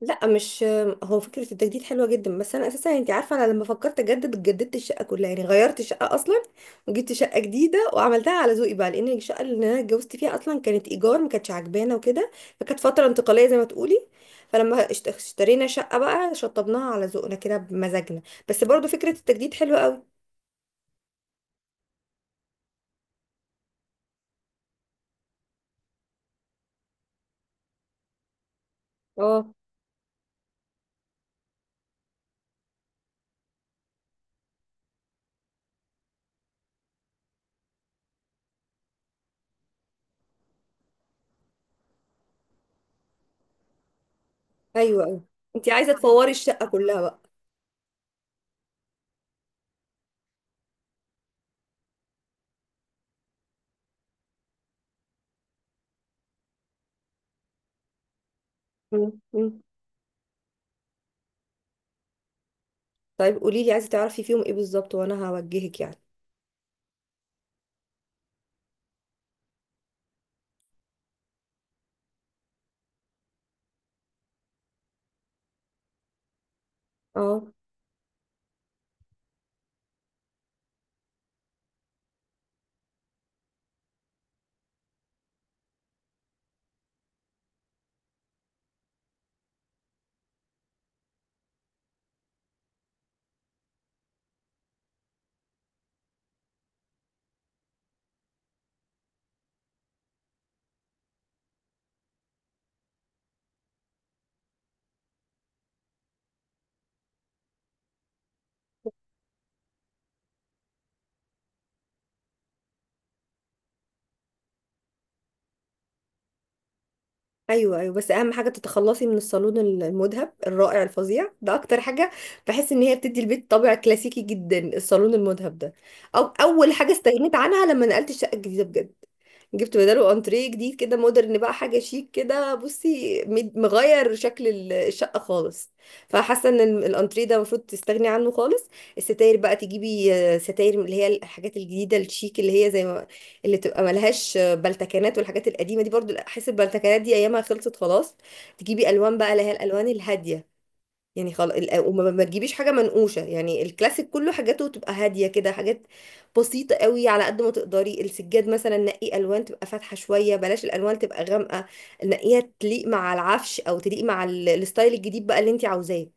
لا، مش. هو فكرة التجديد حلوة جدا، بس أنا أساسا أنت عارفة، أنا لما فكرت أجدد جددت الشقة كلها، يعني غيرت الشقة أصلا وجبت شقة جديدة وعملتها على ذوقي بقى، لأن الشقة اللي أنا اتجوزت فيها أصلا كانت إيجار، ما كانتش عجبانا وكده. فكانت فترة انتقالية زي ما تقولي. فلما اشترينا شقة بقى شطبناها على ذوقنا كده بمزاجنا. بس برضو فكرة التجديد حلوة قوي. اه. أيوه، أيوه. أنت عايزة تفوري الشقة كلها بقى؟ مم. مم. طيب قولي لي، عايزة تعرفي فيهم إيه بالظبط وأنا هوجهك يعني. اه. ايوه، ايوه، بس اهم حاجه تتخلصي من الصالون المذهب الرائع الفظيع ده، اكتر حاجه بحس ان هي بتدي البيت طابع كلاسيكي جدا الصالون المذهب ده. او اول حاجه استغنيت عنها لما نقلت الشقه الجديده بجد، جبت بداله انتريه جديد كده مودرن بقى، حاجه شيك كده، بصي مغير شكل الشقه خالص. فحاسه ان الانتريه ده المفروض تستغني عنه خالص. الستاير بقى تجيبي ستاير من اللي هي الحاجات الجديده الشيك اللي هي زي ما، اللي تبقى ملهاش بلتكانات والحاجات القديمه دي، برضو احس البلتكانات دي ايامها خلصت خلاص. تجيبي الوان بقى اللي هي الالوان الهاديه، يعني خلاص. وما ما تجيبيش حاجه منقوشه، يعني الكلاسيك كله حاجاته تبقى هاديه كده، حاجات بسيطه قوي على قد ما تقدري. السجاد مثلا نقي الوان تبقى فاتحه شويه، بلاش الالوان تبقى غامقه. نقيها تليق مع العفش او تليق مع الستايل الجديد بقى اللي انت عاوزاه.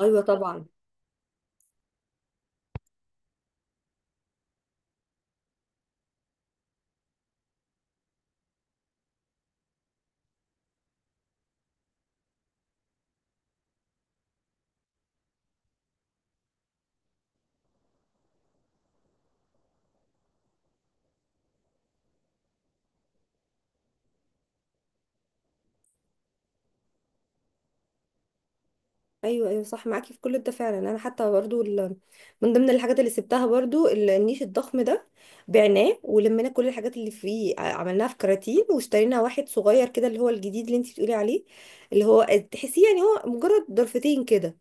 ايوه، طبعا. ايوه ايوه، صح معاكي في كل ده فعلا. انا حتى برضو من ضمن الحاجات اللي سبتها برضو النيش الضخم ده، بعناه ولمينا كل الحاجات اللي فيه، عملناها في كراتين واشترينا واحد صغير كده، اللي هو الجديد اللي انتي بتقولي عليه. اللي هو تحسيه يعني هو مجرد ضرفتين كده،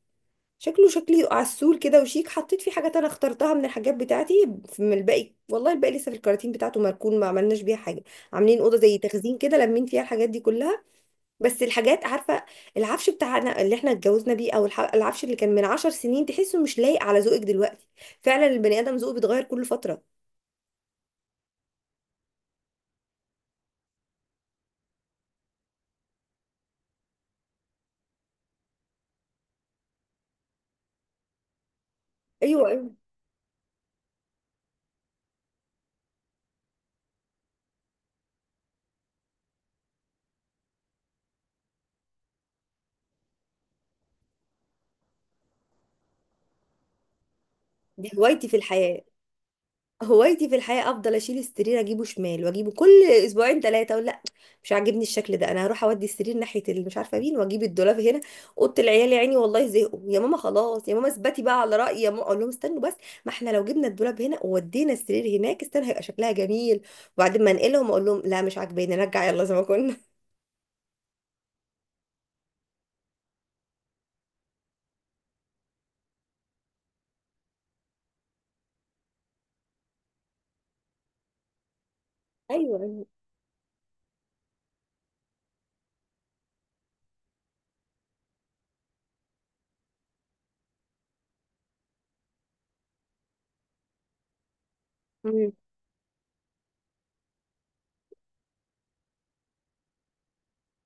شكله شكلي عسول كده وشيك. حطيت فيه حاجات انا اخترتها من الحاجات بتاعتي من الباقي، والله الباقي لسه في الكراتين بتاعته مركون ما عملناش بيها حاجه. عاملين اوضه زي تخزين كده لمين فيها الحاجات دي كلها. بس الحاجات، عارفه، العفش بتاعنا اللي احنا اتجوزنا بيه، او العفش اللي كان من عشر سنين، تحسه مش لايق على ذوقك دلوقتي. فعلا البني ادم ذوقه بيتغير كل فتره. ايوه، ايوه. دي هوايتي في الحياه، هوايتي في الحياة افضل اشيل السرير اجيبه شمال واجيبه كل اسبوعين ثلاثة اقول لا، مش عاجبني الشكل ده، انا هروح اودي السرير ناحية اللي مش عارفة مين واجيب الدولاب هنا. اوضة العيال يا عيني والله زهقوا، يا ماما خلاص، يا ماما اثبتي بقى على رأيي، يا ماما اقول لهم استنوا بس، ما احنا لو جبنا الدولاب هنا وودينا السرير هناك استنى هيبقى شكلها جميل، وبعدين ما انقلهم اقول لهم لا مش عاجباني، نرجع يلا زي ما كنا. ايوه.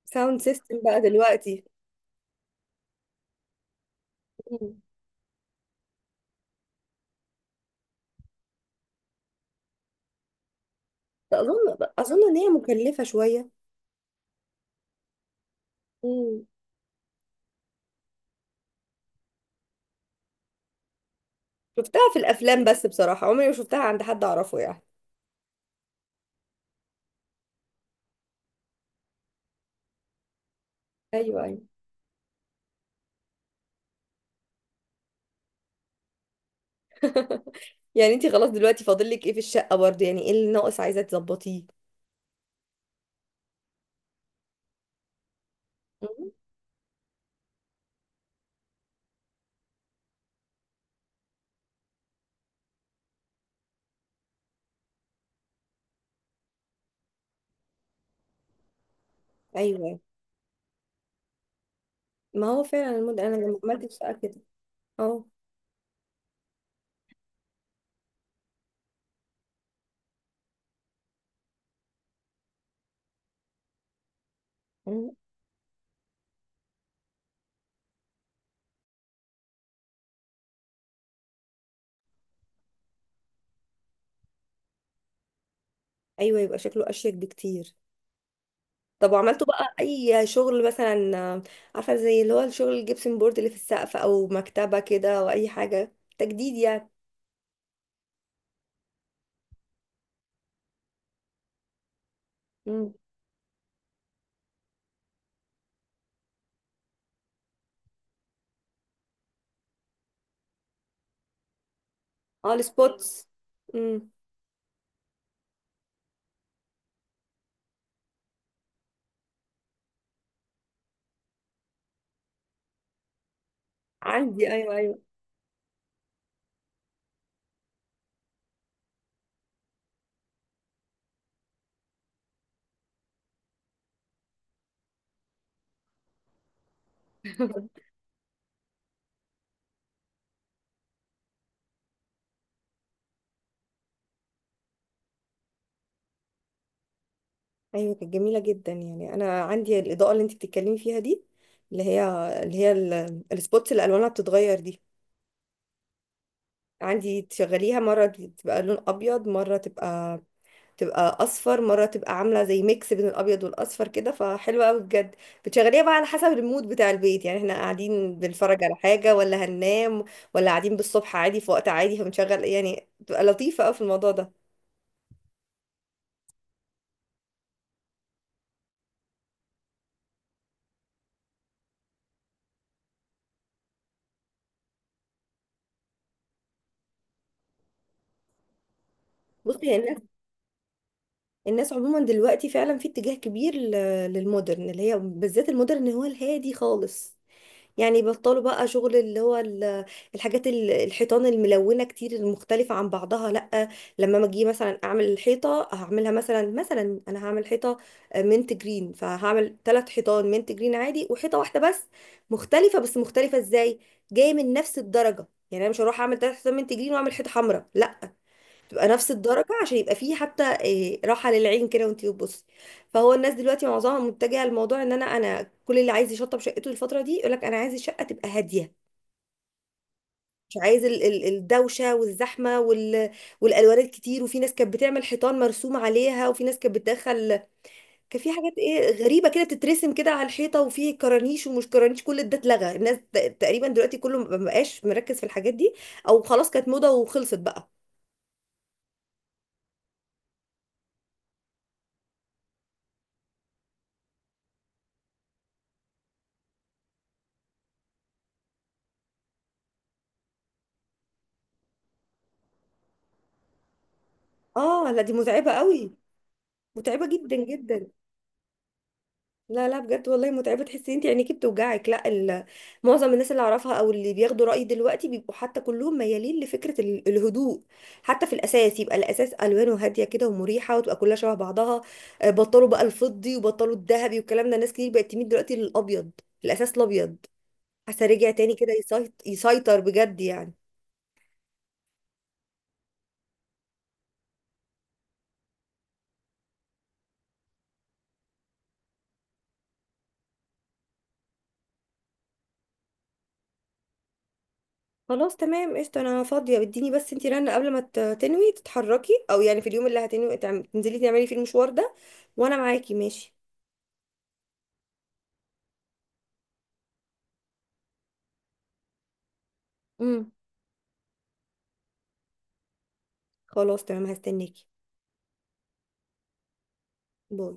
ساوند سيستم بقى دلوقتي. مم. اظن، ان هي مكلفة شوية. شفتها في الافلام بس بصراحه عمري ما شفتها عند حد اعرفه يعني. ايوه، ايوه. يعني انتي خلاص دلوقتي فاضل لك ايه في الشقه برضه؟ يعني ايه اللي ناقص عايزه تظبطيه؟ مم. ايوه. ما هو فعلا المود، انا لما عملت الشقه كده. اه. مم. ايوه، يبقى شكله اشيك بكتير. طب وعملتوا بقى اي شغل مثلا، عارفه زي اللي هو الشغل الجبسن بورد اللي في السقف، او مكتبه كده، او اي حاجه تجديد يعني؟ مم. اه، السبوتس. مم. عندي، ايوه ايوه. ايوه، كانت جميله جدا. يعني انا عندي الاضاءه اللي انت بتتكلمي فيها دي، اللي هي اللي هي السبوتس اللي الوانها بتتغير دي. عندي تشغليها مره تبقى لون ابيض، مره تبقى اصفر، مره تبقى عامله زي ميكس بين الابيض والاصفر كده، فحلوه قوي بجد. بتشغليها بقى على حسب المود بتاع البيت، يعني احنا قاعدين بنتفرج على حاجه ولا هننام، ولا قاعدين بالصبح عادي في وقت عادي فبنشغل. يعني بتبقى لطيفه قوي في الموضوع ده. بصي يعني، الناس عموما دلوقتي فعلا في اتجاه كبير للمودرن، اللي هي بالذات المودرن هو الهادي خالص. يعني بطلوا بقى شغل اللي هو الحاجات الحيطان الملونة كتير المختلفة عن بعضها، لأ. لما ما اجي مثلا اعمل الحيطة هعملها، مثلا انا هعمل حيطة منت جرين، فهعمل ثلاث حيطان منت جرين عادي وحيطة واحدة بس مختلفة. بس مختلفة ازاي؟ جاية من نفس الدرجة، يعني انا مش هروح اعمل ثلاث حيطان منت جرين واعمل حيطة حمراء لا، تبقى نفس الدرجة عشان يبقى فيه حتى راحة للعين كده وانتي بتبصي. فهو الناس دلوقتي معظمها متجهة لموضوع ان انا كل اللي عايز يشطب شقته الفترة دي يقولك انا عايز الشقة تبقى هادية. مش عايز الدوشة والزحمة والألوان الكتير. وفي ناس كانت بتعمل حيطان مرسوم عليها، وفي ناس كانت بتدخل، كان في حاجات ايه غريبة كده بتترسم كده على الحيطة، وفي كرانيش ومش كرانيش. كل ده اتلغى. الناس تقريبا دلوقتي كله مبقاش مركز في الحاجات دي، او خلاص كانت موضة وخلصت بقى. اه لا، دي متعبة قوي، متعبة جدا جدا. لا لا، بجد والله متعبة، تحسي انت عينيكي بتوجعك. لا. معظم الناس اللي اعرفها او اللي بياخدوا رأيي دلوقتي بيبقوا حتى كلهم ميالين لفكرة الهدوء. حتى في الاساس يبقى الاساس الوانه هادية كده ومريحة وتبقى كلها شبه بعضها. بطلوا بقى الفضي وبطلوا الذهبي والكلام ده، ناس كتير بقت تميل دلوقتي للابيض. الاساس الابيض، حاسة رجع تاني كده يسيطر بجد يعني. خلاص تمام قشطة، انا فاضية. اديني بس انتي رنة قبل ما تنوي تتحركي، او يعني في اليوم اللي هتنوي تنزلي تعملي فيه المشوار ده، وانا معاكي ماشي. امم خلاص تمام هستناكي. باي.